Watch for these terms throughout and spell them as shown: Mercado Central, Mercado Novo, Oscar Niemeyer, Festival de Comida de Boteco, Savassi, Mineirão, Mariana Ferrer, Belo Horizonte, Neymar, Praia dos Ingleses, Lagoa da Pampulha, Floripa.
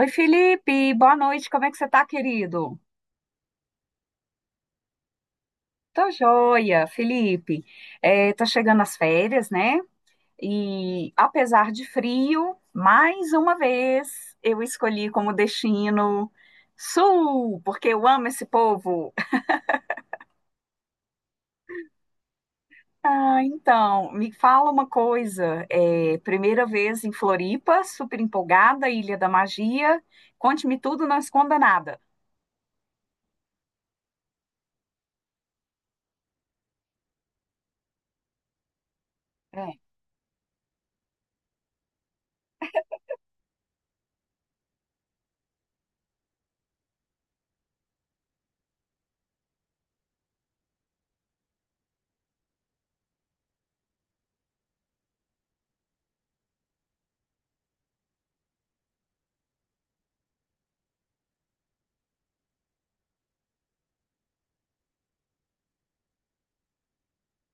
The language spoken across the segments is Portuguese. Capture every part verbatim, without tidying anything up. Oi, Felipe, boa noite, como é que você tá, querido? Tô joia, Felipe. É, tá chegando as férias, né? E apesar de frio, mais uma vez eu escolhi como destino Sul, porque eu amo esse povo. Ah, então, me fala uma coisa. É, primeira vez em Floripa, super empolgada, Ilha da Magia. Conte-me tudo, não esconda nada. É,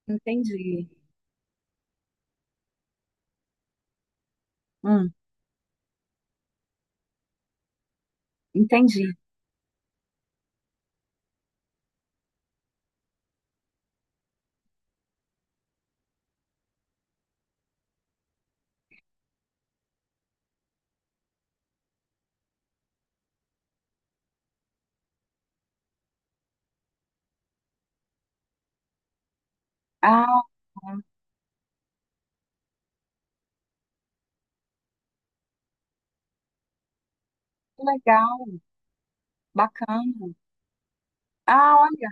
entendi. Hum, entendi. Ah. Legal, bacana. Ah, olha,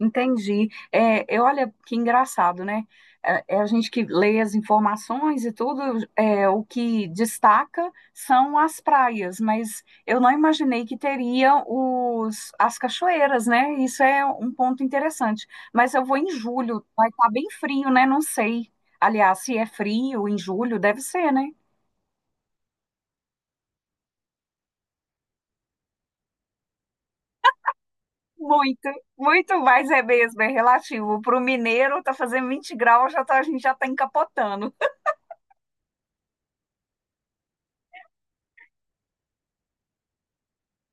entendi. É, eu, olha que engraçado, né? É, é a gente que lê as informações e tudo, é, o que destaca são as praias, mas eu não imaginei que teria os, as cachoeiras, né? Isso é um ponto interessante. Mas eu vou em julho, vai estar bem frio, né? Não sei. Aliás, se é frio em julho, deve ser, né? Muito, muito mais é mesmo, é relativo. Para o mineiro, tá fazendo vinte graus, já tá, a gente já tá encapotando.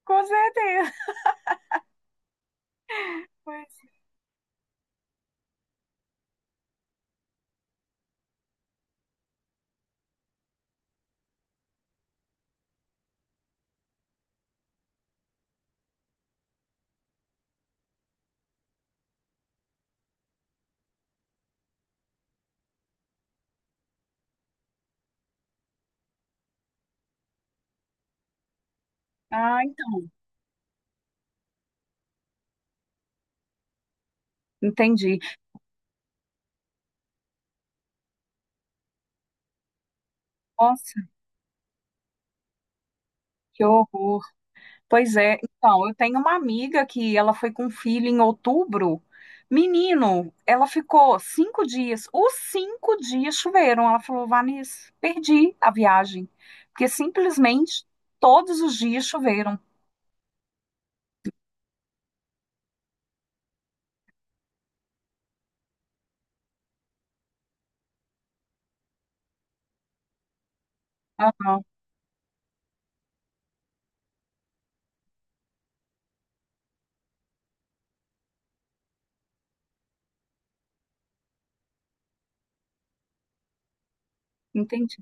Com certeza. Pois. Ah, então, entendi. Nossa, que horror. Pois é, então, eu tenho uma amiga que ela foi com um filho em outubro. Menino, ela ficou cinco dias. Os cinco dias choveram. Ela falou, Vanessa, perdi a viagem. Porque simplesmente todos os dias choveram. Aham, entendi.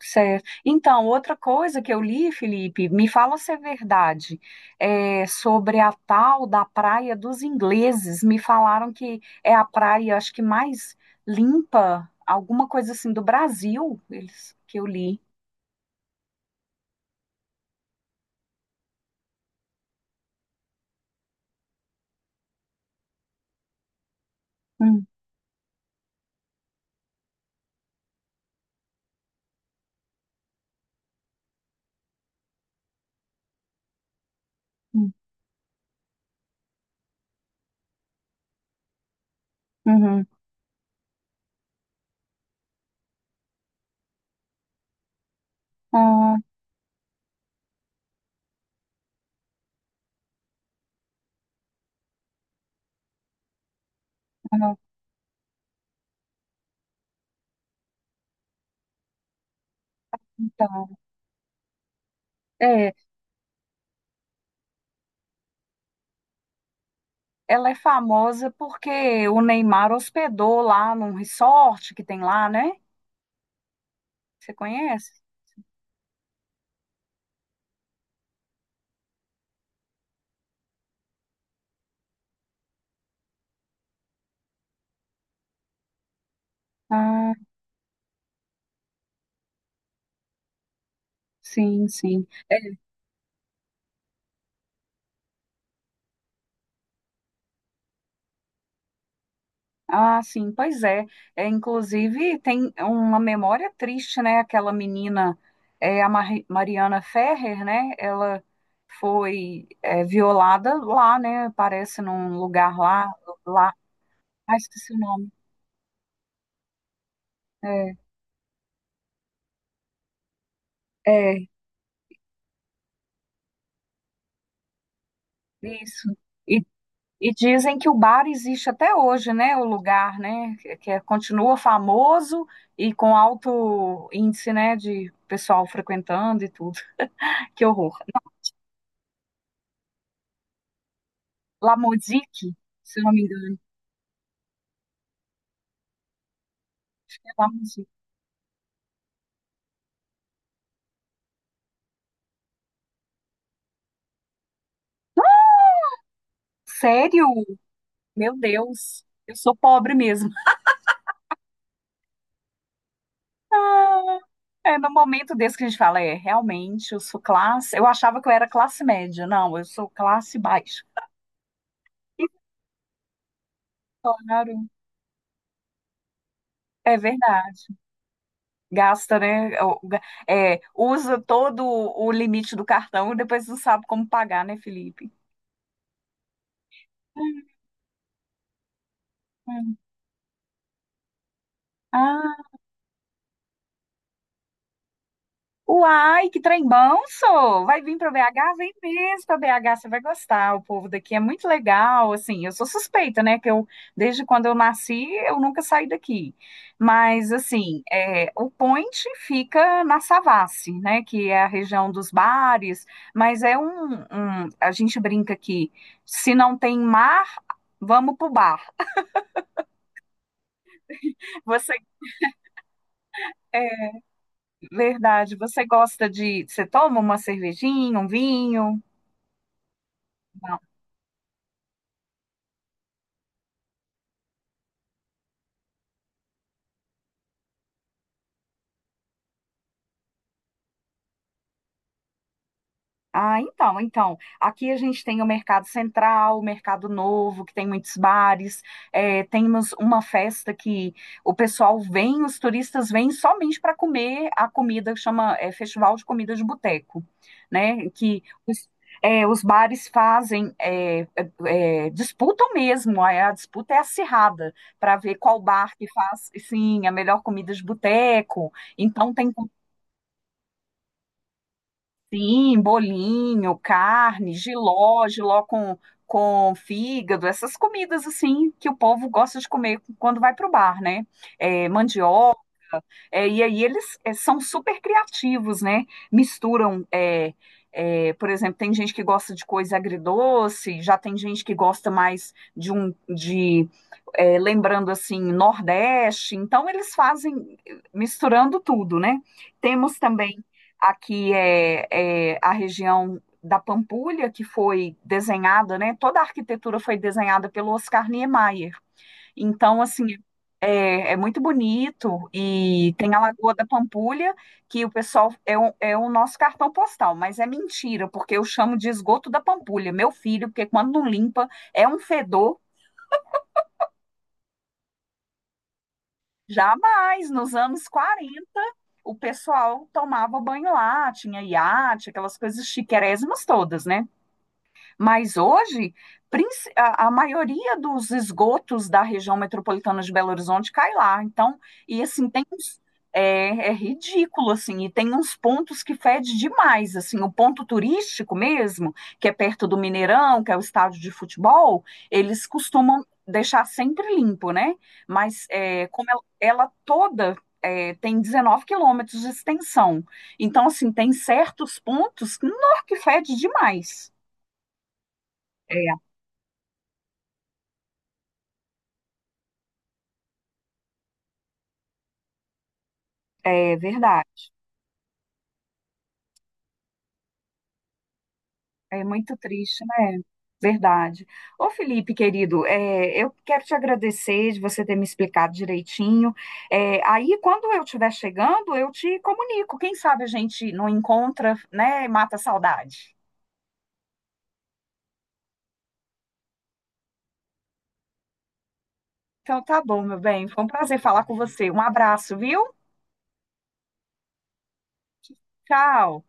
Certo. Então, outra coisa que eu li, Felipe, me fala se é verdade, é, sobre a tal da Praia dos Ingleses. Me falaram que é a praia, acho que mais limpa, alguma coisa assim do Brasil, eles que eu li. Hum, hum, uhum. Ah, ah, então, é, ela é famosa porque o Neymar hospedou lá num resort que tem lá, né? Você conhece? Ah, sim, sim. Ah, sim, pois é. É, inclusive, tem uma memória triste, né? Aquela menina, é, a Mar- Mariana Ferrer, né? Ela foi, é, violada lá, né? Parece num lugar lá, lá. Ah, esqueci o nome. É, é isso. E, e dizem que o bar existe até hoje, né? O lugar, né? Que, que é- continua famoso e com alto índice, né? De pessoal frequentando e tudo. Que horror. Lamozique, se eu não me... Nossa, sério? Meu Deus, eu sou pobre mesmo. Ah, é no momento desse que a gente fala, é, realmente, eu sou classe. Eu achava que eu era classe média. Não, eu sou classe baixa. E claro, é verdade. Gasta, né? o- ga- é, Usa todo o limite do cartão e depois não sabe como pagar, né, Felipe? Hum. Hum. Ah, uai, que trem bom, sou! Vai vir para B H? Vem mesmo para B H, você vai gostar. O povo daqui é muito legal, assim, eu sou suspeita, né, que eu, desde quando eu nasci, eu nunca saí daqui. Mas, assim, é, o Point fica na Savassi, né, que é a região dos bares, mas é um, um- a gente brinca que se não tem mar, vamos pro bar. Você, é verdade, você gosta de, você toma uma cervejinha, um vinho? Ah, então, então, aqui a gente tem o Mercado Central, o Mercado Novo, que tem muitos bares, é, temos uma festa que o pessoal vem, os turistas vêm somente para comer a comida, que chama, é, Festival de Comida de Boteco, né? Que os, é, os bares fazem, é, é, é, disputam mesmo, a, a disputa é acirrada, para ver qual bar que faz, sim, a melhor comida de boteco, então tem. Sim, bolinho, carne, jiló, jiló com, com fígado, essas comidas assim que o povo gosta de comer quando vai para o bar, né? É, é, e aí eles é, são super criativos, né? Misturam, é, é, por exemplo, tem gente que gosta de coisa agridoce, já tem gente que gosta mais de um de é, lembrando assim Nordeste. Então eles fazem misturando tudo, né? Temos também aqui é, é, a região da Pampulha que foi desenhada, né? Toda a arquitetura foi desenhada pelo Oscar Niemeyer. Então, assim, é, é muito bonito e tem a Lagoa da Pampulha, que o pessoal é o, é o nosso cartão postal, mas é mentira, porque eu chamo de esgoto da Pampulha, meu filho, porque quando não limpa é um fedor. Jamais, nos anos quarenta, o pessoal tomava banho lá, tinha iate, aquelas coisas chiquérrimas todas, né? Mas hoje, princi- a, a maioria dos esgotos da região metropolitana de Belo Horizonte cai lá. Então, e assim, tem uns- é, é ridículo, assim, e tem uns pontos que fede demais, assim, o ponto turístico mesmo, que é perto do Mineirão, que é o estádio de futebol, eles costumam deixar sempre limpo, né? Mas é, como ela, ela toda é, tem dezenove quilômetros de extensão, então, assim, tem certos pontos que, nó, que fede demais. É verdade. É muito triste, né? Verdade. Ô, Felipe, querido, é, eu quero te agradecer de você ter me explicado direitinho. É, aí, quando eu estiver chegando, eu te comunico. Quem sabe a gente não encontra, né? E mata a saudade. Então, tá bom, meu bem. Foi um prazer falar com você. Um abraço, viu? Tchau.